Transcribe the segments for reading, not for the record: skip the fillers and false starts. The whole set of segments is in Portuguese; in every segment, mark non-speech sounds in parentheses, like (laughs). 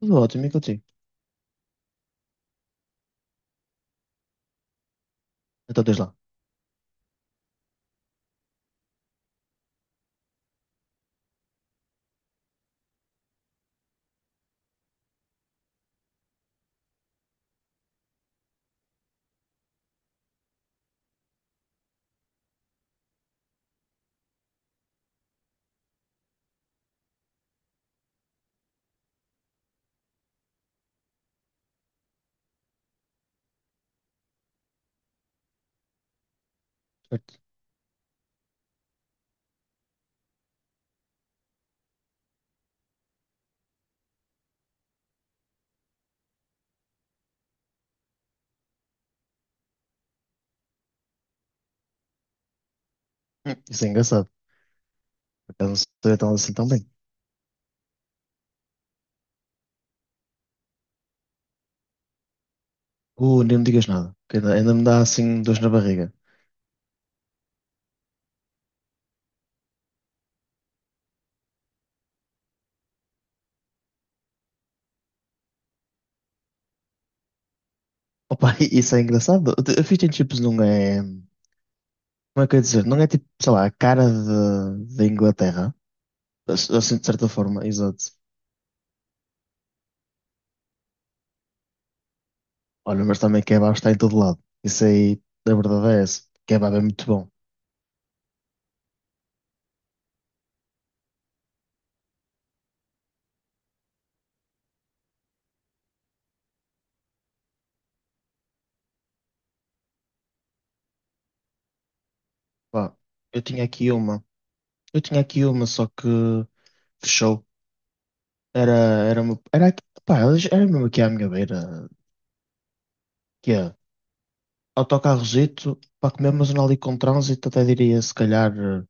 Tudo ótimo, e contigo? Então, desde lá. Certo? Hum. Isso é engraçado. Por acaso não sei então assim tão bem. Nem me digas nada, que ainda me dá assim dores na barriga. Opa, (laughs) isso é engraçado. A fish and chips não é. Como é que eu ia dizer? Não é tipo, sei lá, a cara da Inglaterra. Assim, de certa forma, exato. Olha, mas também kebab está em todo lado. Isso aí, da verdade é essa. Kebab é muito bom. Pá, eu tinha aqui uma. Eu tinha aqui uma, só que fechou. Era, era uma. Pá, era mesmo aqui à minha beira. Que é autocarrozito para comer, mas não ali com trânsito, até diria se calhar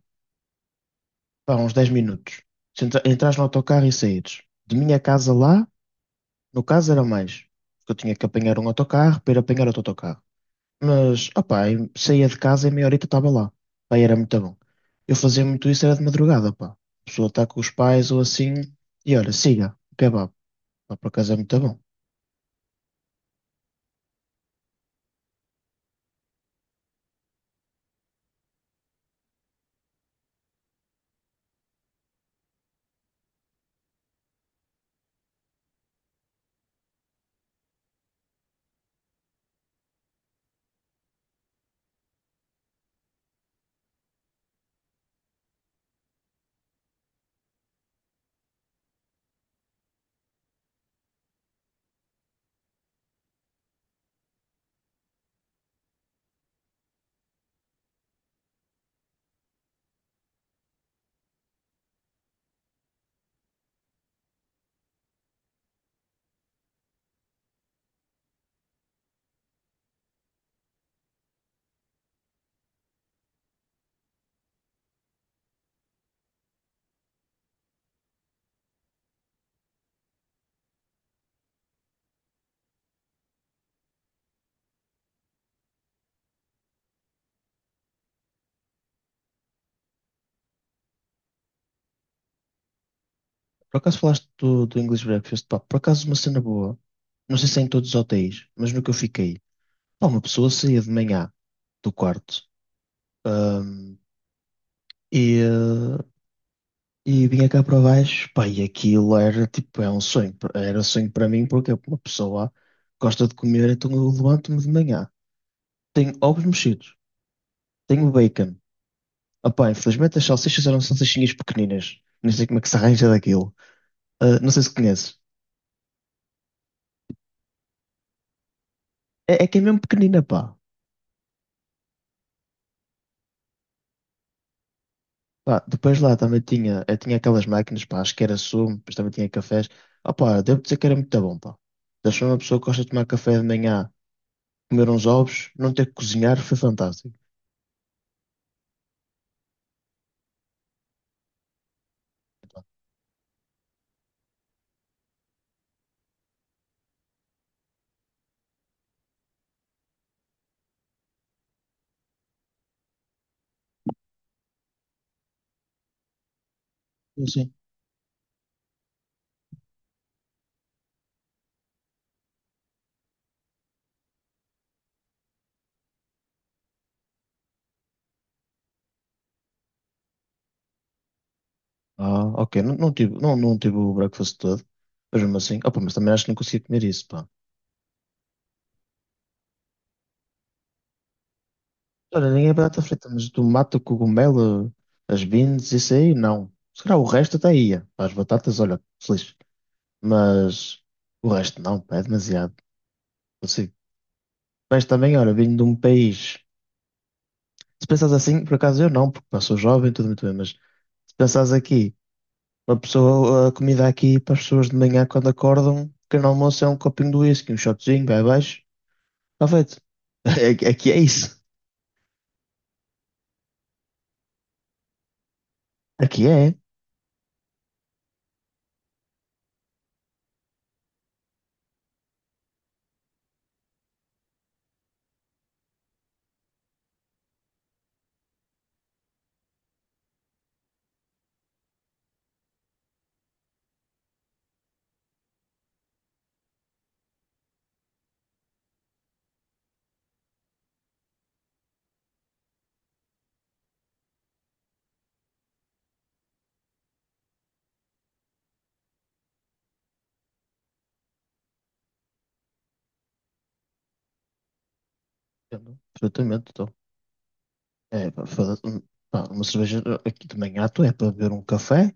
pá, uns 10 minutos. Se entras no autocarro e saíres. De minha casa lá, no caso era mais, porque eu tinha que apanhar um autocarro para ir apanhar outro autocarro. Mas, opá, eu saía de casa e meia horita estava lá. Pá, e era muito bom. Eu fazia muito isso, era de madrugada, pá. A pessoa está com os pais ou assim, e olha, siga, o kebab. Pá, por acaso é muito bom. Por acaso falaste do English Breakfast? Pá, por acaso uma cena boa. Não sei se é em todos os hotéis, mas no que eu fiquei. Pá, uma pessoa saía de manhã do quarto e, eh, e vinha cá para baixo. Pá, e aquilo era tipo, é um sonho. Era um sonho para mim porque uma pessoa gosta de comer, então eu levanto-me de manhã. Tenho ovos mexidos, tenho bacon. Ah, pá, infelizmente as salsichas eram salsichinhas pequeninas. Nem sei como é que se arranja daquilo. Ah, não sei se conheces. É, é que é mesmo pequenina, pá. Pá, depois lá também tinha, eu tinha aquelas máquinas, pá, acho que era sumo, depois também tinha cafés. Ah, pá, devo dizer que era muito bom, pá. Deixou uma pessoa que gosta de tomar café de manhã, comer uns ovos, não ter que cozinhar, foi fantástico. Eu assim, ok, não tive o breakfast todo, mas mesmo assim, opa, mas também acho que não conseguia comer isso, pá. Olha, nem a batata frita, mas o tomate, o cogumelo, as beans, isso aí, não. Se calhar o resto até ia, pá, as batatas, olha, feliz. Mas o resto não, pá, é demasiado. Mas também, olha, vindo de um país. Se pensares assim, por acaso eu não, porque não sou jovem, tudo muito bem, mas se pensares aqui, uma pessoa, a comida aqui para as pessoas de manhã quando acordam, o pequeno almoço é um copinho de whisky, um shotzinho, vai abaixo, está feito. (laughs) Aqui é isso. Aqui é. Entendo perfeitamente, então. É, pá, foda. Pá, uma cerveja, aqui de manhã, tu é para beber um café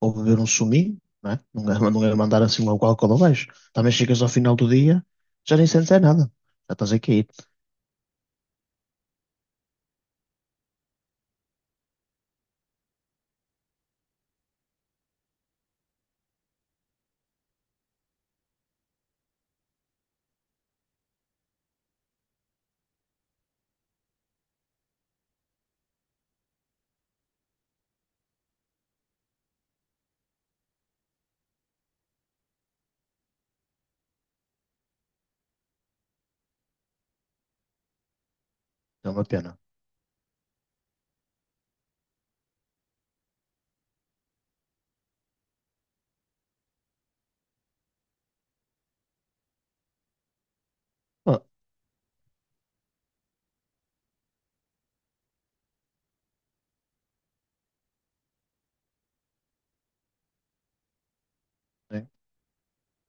ou beber um suminho, não é? Não é, (laughs) não é mandar assim logo álcool abaixo. Também chegas ao final do dia, já nem sentes é nada. Já estás aqui, então é uma pena. Né?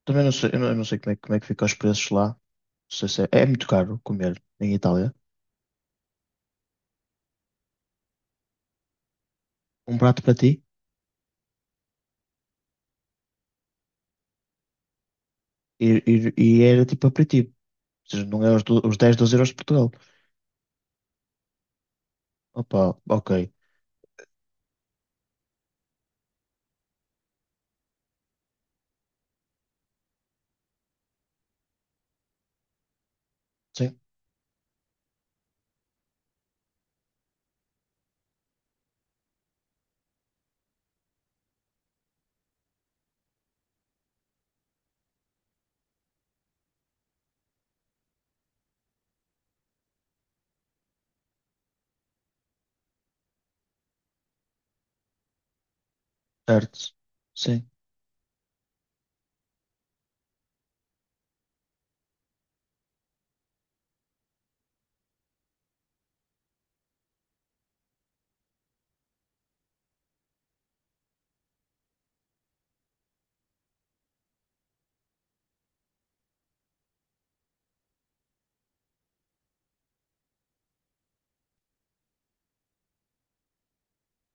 Também não sei, eu não sei como é, como é que fica os preços lá. Não sei se é muito caro comer em Itália. Um prato para ti e, e, e era tipo aperitivo. Ou seja, não é os 10 12 euros de Portugal. Opa, ok. Sim, certo. Sim.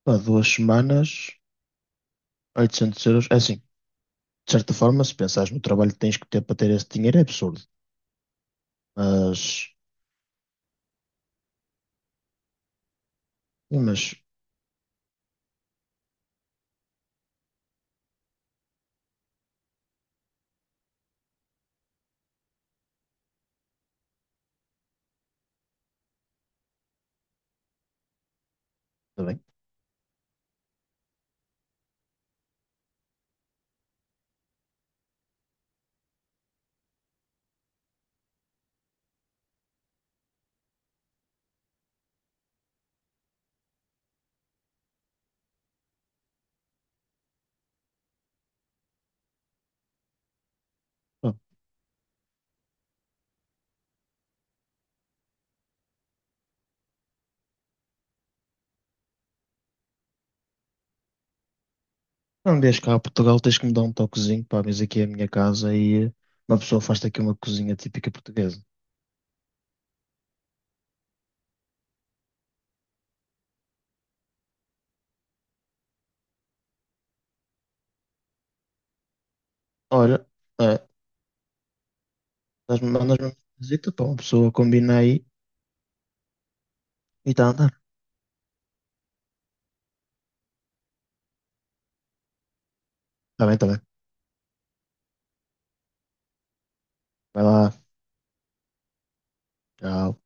Pá, 2 semanas, 800 euros. É assim, de certa forma, se pensares no trabalho que tens que ter para ter esse dinheiro, é absurdo. Mas, mas, está bem. Pá, não vies cá a Portugal, tens que me dar um toquezinho. Pá, vês aqui é a minha casa e uma pessoa faz-te aqui uma cozinha típica portuguesa. Olha, é, mas mandas-me uma visita para uma pessoa combina aí e tá a andar. Tá bem, tá bem. Vai lá, tchau.